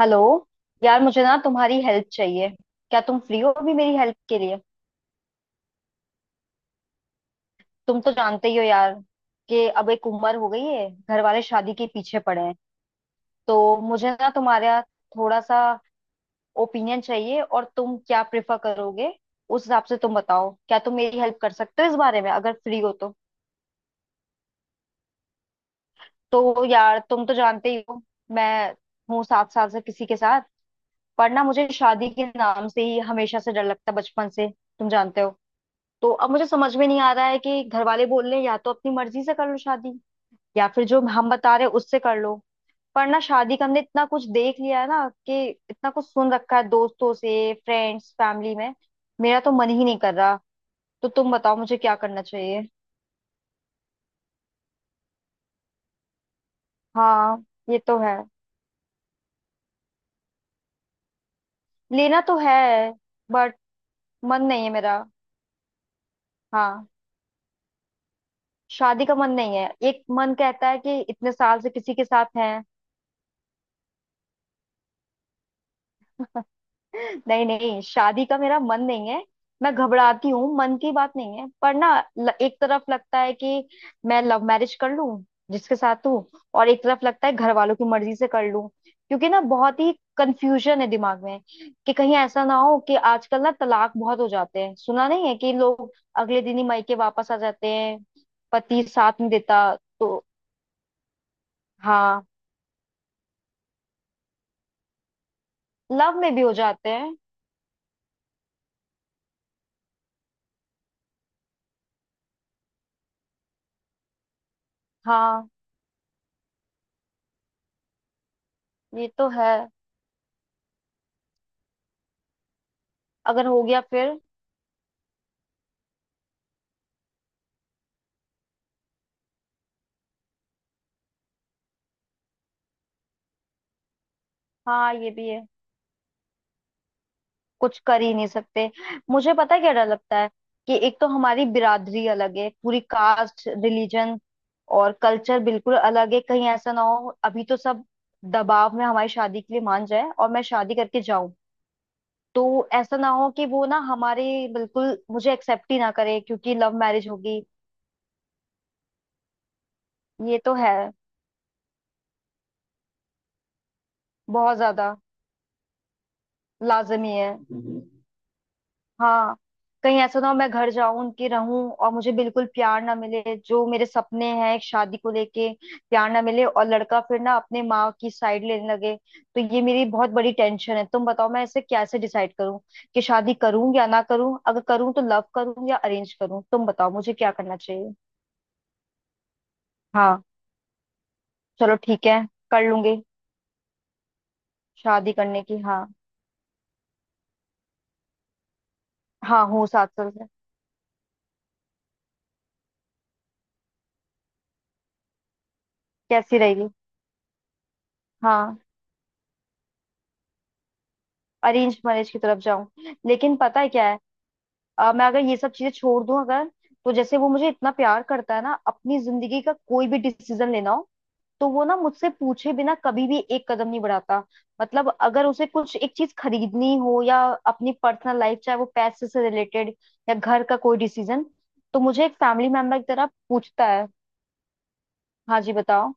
Hello. यार, मुझे ना तुम्हारी हेल्प चाहिए। क्या तुम फ्री हो अभी मेरी हेल्प के लिए? तुम तो जानते ही हो यार कि अब एक उम्र हो गई है, घर वाले शादी के पीछे पड़े हैं। तो मुझे ना तुम्हारा थोड़ा सा ओपिनियन चाहिए, और तुम क्या प्रेफर करोगे उस हिसाब से तुम बताओ। क्या तुम मेरी हेल्प कर सकते हो इस बारे में अगर फ्री हो तो? तो यार, तुम तो जानते ही हो मैं हूँ 7 साल से किसी के साथ। पर ना मुझे शादी के नाम से ही हमेशा से डर लगता है बचपन से, तुम जानते हो। तो अब मुझे समझ में नहीं आ रहा है कि घर वाले बोल रहे हैं या तो अपनी मर्जी से कर लो शादी, या फिर जो हम बता रहे हैं उससे कर लो। पर ना शादी का हमने इतना कुछ देख लिया है ना, कि इतना कुछ सुन रखा है दोस्तों से, फ्रेंड्स फैमिली में। मेरा तो मन ही नहीं कर रहा। तो तुम बताओ मुझे क्या करना चाहिए। हाँ, ये तो है। लेना तो है बट मन नहीं है मेरा। हाँ, शादी का मन नहीं है। एक मन कहता है कि इतने साल से किसी के साथ है। नहीं नहीं, शादी का मेरा मन नहीं है। मैं घबराती हूँ, मन की बात नहीं है पर ना एक तरफ लगता है कि मैं लव मैरिज कर लूं जिसके साथ हूँ, और एक तरफ लगता है घर वालों की मर्जी से कर लूं क्योंकि ना बहुत ही कंफ्यूजन है दिमाग में। कि कहीं ऐसा ना हो कि आजकल ना तलाक बहुत हो जाते हैं, सुना नहीं है कि लोग अगले दिन ही मायके वापस आ जाते हैं, पति साथ नहीं देता। तो हाँ, लव में भी हो जाते हैं। हाँ, ये तो है। अगर हो गया फिर? हाँ, ये भी है। कुछ कर ही नहीं सकते। मुझे पता है क्या डर लगता है। कि एक तो हमारी बिरादरी अलग है, पूरी कास्ट रिलीजन और कल्चर बिल्कुल अलग है। कहीं ऐसा ना हो अभी तो सब दबाव में हमारी शादी के लिए मान जाए और मैं शादी करके जाऊं, तो ऐसा ना हो कि वो ना हमारे बिल्कुल मुझे एक्सेप्ट ही ना करे क्योंकि लव मैरिज होगी। ये तो है। बहुत ज्यादा लाजमी है। हाँ। कहीं ऐसा ना हो मैं घर जाऊं उनके रहूं और मुझे बिल्कुल प्यार ना मिले जो मेरे सपने हैं एक शादी को लेके। प्यार ना मिले और लड़का फिर ना अपने माँ की साइड लेने लगे। तो ये मेरी बहुत बड़ी टेंशन है, तुम बताओ मैं इसे कैसे डिसाइड करूं कि शादी करूं या ना करूं? अगर करूं तो लव करूं या अरेंज करूं? तुम बताओ मुझे क्या करना चाहिए। हाँ, चलो ठीक है, कर लूंगी शादी करने की, हाँ। हाँ, हूँ 7 साल से। कैसी रहेगी? हाँ, अरेंज मैरिज की तरफ जाऊं। लेकिन पता है क्या है, मैं अगर ये सब चीजें छोड़ दूं अगर, तो जैसे वो मुझे इतना प्यार करता है ना, अपनी जिंदगी का कोई भी डिसीजन लेना हो तो वो ना मुझसे पूछे बिना कभी भी एक कदम नहीं बढ़ाता। मतलब अगर उसे कुछ एक चीज खरीदनी हो या अपनी पर्सनल लाइफ, चाहे वो पैसे से रिलेटेड या घर का कोई डिसीजन, तो मुझे एक फैमिली मेंबर की तरह पूछता है। हाँ जी, बताओ।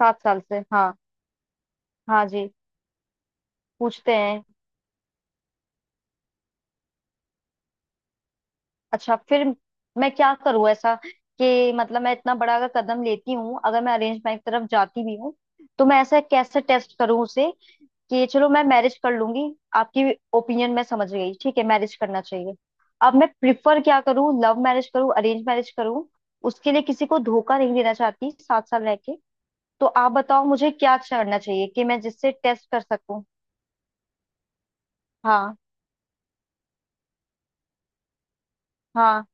7 साल से, हाँ। हाँ जी, पूछते हैं। अच्छा, फिर मैं क्या करूँ ऐसा कि मतलब मैं इतना बड़ा अगर कदम लेती हूँ, अगर मैं अरेंज मैरिज की तरफ जाती भी हूँ, तो मैं ऐसा कैसे टेस्ट करूँ उसे कि चलो मैं मैरिज कर लूंगी। आपकी ओपिनियन मैं समझ गई, ठीक है, मैरिज करना चाहिए। अब मैं प्रिफर क्या करूँ, लव मैरिज करूँ अरेंज मैरिज करूँ? उसके लिए किसी को धोखा नहीं देना चाहती 7 साल रह के। तो आप बताओ मुझे क्या करना चाहिए कि मैं जिससे टेस्ट कर सकूँ। हाँ, हाँ,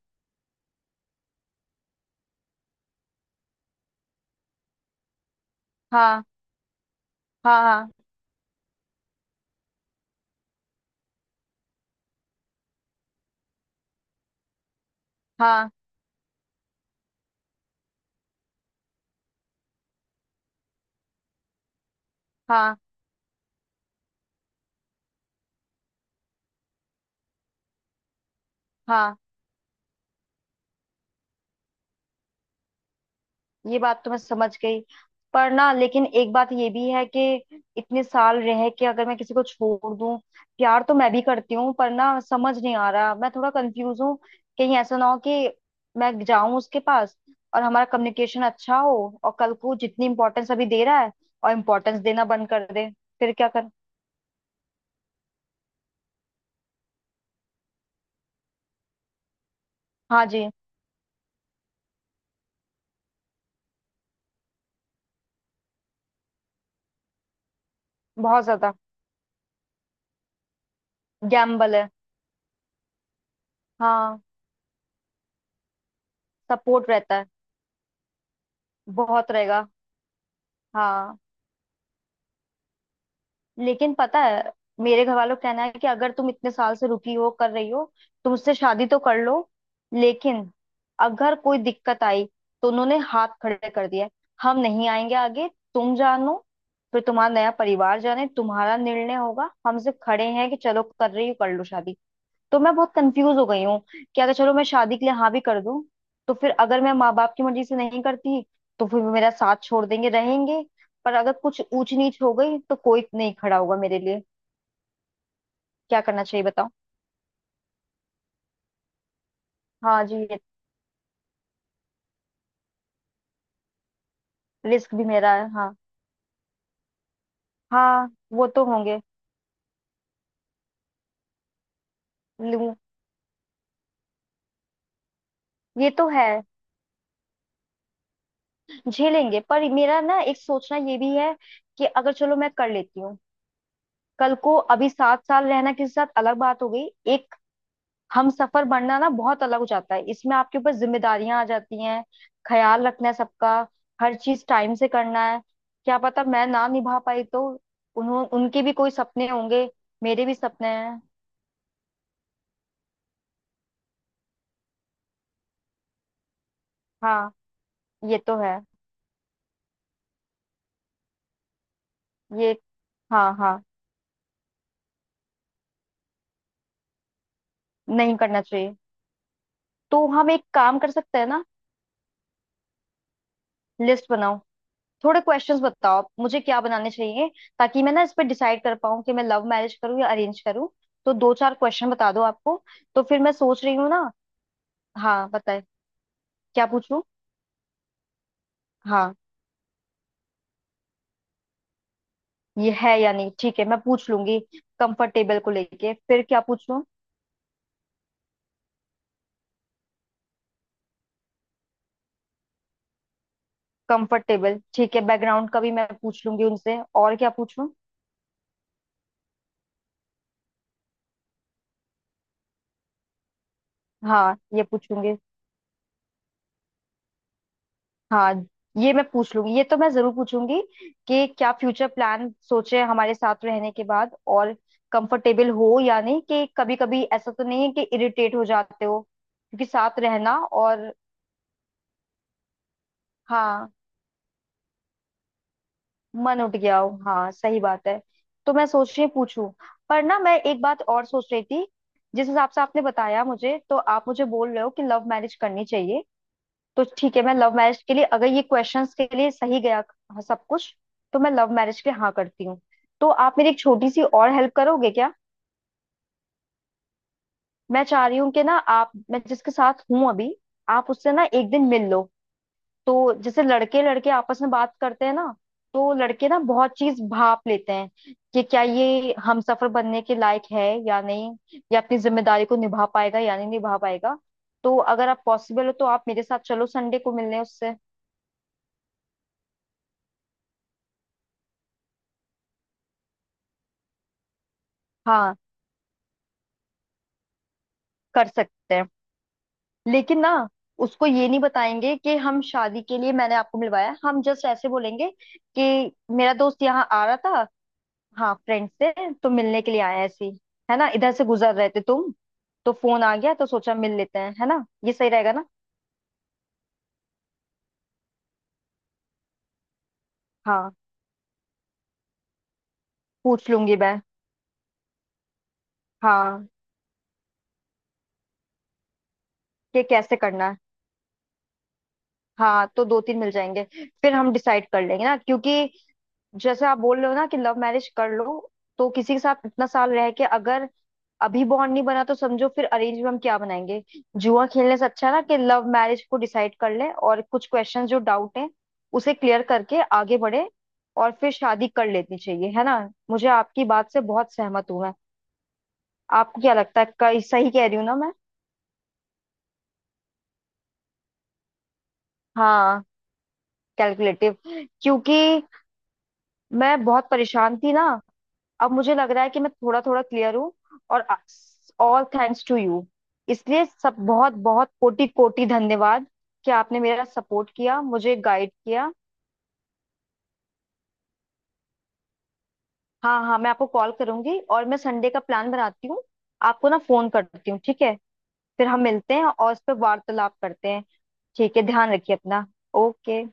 हाँ, हाँ, हाँ, हाँ, हाँ, हाँ। ये बात तो मैं समझ गई। पर ना, लेकिन एक बात ये भी है कि इतने साल रह के अगर मैं किसी को छोड़ दूं। प्यार तो मैं भी करती हूँ पर ना समझ नहीं आ रहा, मैं थोड़ा कंफ्यूज हूँ। कहीं ऐसा ना हो कि मैं जाऊं उसके पास और हमारा कम्युनिकेशन अच्छा हो, और कल को जितनी इंपॉर्टेंस अभी दे रहा है और इम्पोर्टेंस देना बंद कर दे, फिर क्या कर? हाँ जी। बहुत ज्यादा गैम्बल है। हाँ, सपोर्ट रहता है। बहुत रहेगा। हाँ। लेकिन पता है, मेरे घर वालों का कहना है कि अगर तुम इतने साल से रुकी हो कर रही हो, तुम उससे शादी तो कर लो, लेकिन अगर कोई दिक्कत आई तो उन्होंने हाथ खड़े कर दिया है। हम नहीं आएंगे आगे, तुम जानो, फिर तुम्हारा नया परिवार जाने, तुम्हारा निर्णय होगा, हमसे खड़े हैं कि चलो कर रही हो कर लो शादी। तो मैं बहुत कंफ्यूज हो गई हूँ कि अगर चलो मैं शादी के लिए हाँ भी कर दूं, तो फिर अगर मैं माँ बाप की मर्जी से नहीं करती तो फिर वो मेरा साथ छोड़ देंगे, रहेंगे पर अगर कुछ ऊंच नीच हो गई तो कोई नहीं खड़ा होगा मेरे लिए। क्या करना चाहिए बताओ। हाँ जी। रिस्क भी मेरा है, हाँ। हाँ, वो तो होंगे। लूं। ये तो है। झेलेंगे पर मेरा ना एक सोचना ये भी है कि अगर चलो मैं कर लेती हूँ, कल को, अभी 7 साल रहना किसी के साथ अलग बात हो गई, एक हम सफर बनना ना बहुत अलग हो जाता है। इसमें आपके ऊपर जिम्मेदारियां आ जाती हैं, ख्याल रखना है सबका, हर चीज टाइम से करना है। क्या पता मैं ना निभा पाई तो? उन्हों उनके भी कोई सपने होंगे, मेरे भी सपने हैं। हाँ, ये तो है। ये, हाँ, हाँ, नहीं करना चाहिए। तो हम एक काम कर सकते हैं ना, लिस्ट बनाओ। थोड़े क्वेश्चंस बताओ आप, मुझे क्या बनाने चाहिए ताकि मैं ना इस पर डिसाइड कर पाऊँ कि मैं लव मैरिज करूँ या अरेंज करूँ। तो दो चार क्वेश्चन बता दो आपको, तो फिर मैं सोच रही हूँ ना। हाँ बताइए, क्या पूछूं? हाँ, ये है या नहीं, ठीक है मैं पूछ लूंगी। कंफर्ट टेबल को लेके, फिर क्या पूछूं? कंफर्ट टेबल, ठीक है, बैकग्राउंड का भी मैं पूछ लूंगी उनसे। और क्या पूछूं? हाँ, ये पूछूंगी। हाँ, ये मैं पूछ लूंगी, ये तो मैं जरूर पूछूंगी कि क्या फ्यूचर प्लान सोचे हमारे साथ रहने के बाद, और कंफर्टेबल हो या नहीं, कि कभी कभी ऐसा तो नहीं है कि इरिटेट हो जाते हो क्योंकि साथ रहना और। हाँ, मन उठ गया हो, हाँ सही बात है। तो मैं सोच रही पूछूं। पर ना मैं एक बात और सोच रही थी, जिस हिसाब से आपने बताया मुझे तो आप मुझे बोल रहे हो कि लव मैरिज करनी चाहिए, तो ठीक है मैं लव मैरिज के लिए अगर ये क्वेश्चंस के लिए सही गया, हाँ, सब कुछ, तो मैं लव मैरिज के लिए हाँ करती हूँ। तो आप मेरी एक छोटी सी और हेल्प करोगे क्या? मैं चाह रही हूँ कि ना आप, मैं जिसके साथ हूँ अभी, आप उससे ना एक दिन मिल लो। तो जैसे लड़के लड़के आपस में बात करते हैं ना, तो लड़के ना बहुत चीज भाप लेते हैं कि क्या ये हमसफर बनने के लायक है या नहीं, या अपनी जिम्मेदारी को निभा पाएगा या नहीं निभा पाएगा। तो अगर आप पॉसिबल हो तो आप मेरे साथ चलो संडे को मिलने उससे। हाँ, कर सकते हैं। लेकिन ना, उसको ये नहीं बताएंगे कि हम शादी के लिए मैंने आपको मिलवाया है। हम जस्ट ऐसे बोलेंगे कि मेरा दोस्त यहाँ आ रहा था, हाँ, फ्रेंड से तो मिलने के लिए आया ऐसी, है ना, इधर से गुजर रहे थे तुम, तो फोन आ गया तो सोचा मिल लेते हैं, है ना, ये सही रहेगा ना? हाँ, पूछ लूंगी मैं। हाँ, कि कैसे करना है। हाँ, तो दो तीन मिल जाएंगे, फिर हम डिसाइड कर लेंगे ना, क्योंकि जैसे आप बोल रहे हो ना कि लव मैरिज कर लो, तो किसी के साथ इतना साल रह के अगर अभी बॉन्ड नहीं बना तो समझो फिर अरेंज में हम क्या बनाएंगे। जुआ खेलने से अच्छा ना कि लव मैरिज को डिसाइड कर ले और कुछ क्वेश्चन जो डाउट है उसे क्लियर करके आगे बढ़े। और फिर शादी कर लेनी चाहिए, है ना। मुझे आपकी बात से बहुत सहमत हूं मैं। आपको क्या लगता है, कई सही कह रही हूँ ना मैं? हाँ, कैलकुलेटिव, क्योंकि मैं बहुत परेशान थी ना, अब मुझे लग रहा है कि मैं थोड़ा थोड़ा क्लियर हूँ। और ऑल थैंक्स टू यू, इसलिए सब बहुत बहुत कोटि कोटि धन्यवाद कि आपने मेरा सपोर्ट किया, मुझे गाइड किया। हाँ हाँ, मैं आपको कॉल करूंगी, और मैं संडे का प्लान बनाती हूँ, आपको ना फोन करती हूँ, ठीक है। फिर हम मिलते हैं और इस पर वार्तालाप करते हैं। ठीक है, ध्यान रखिए अपना। ओके।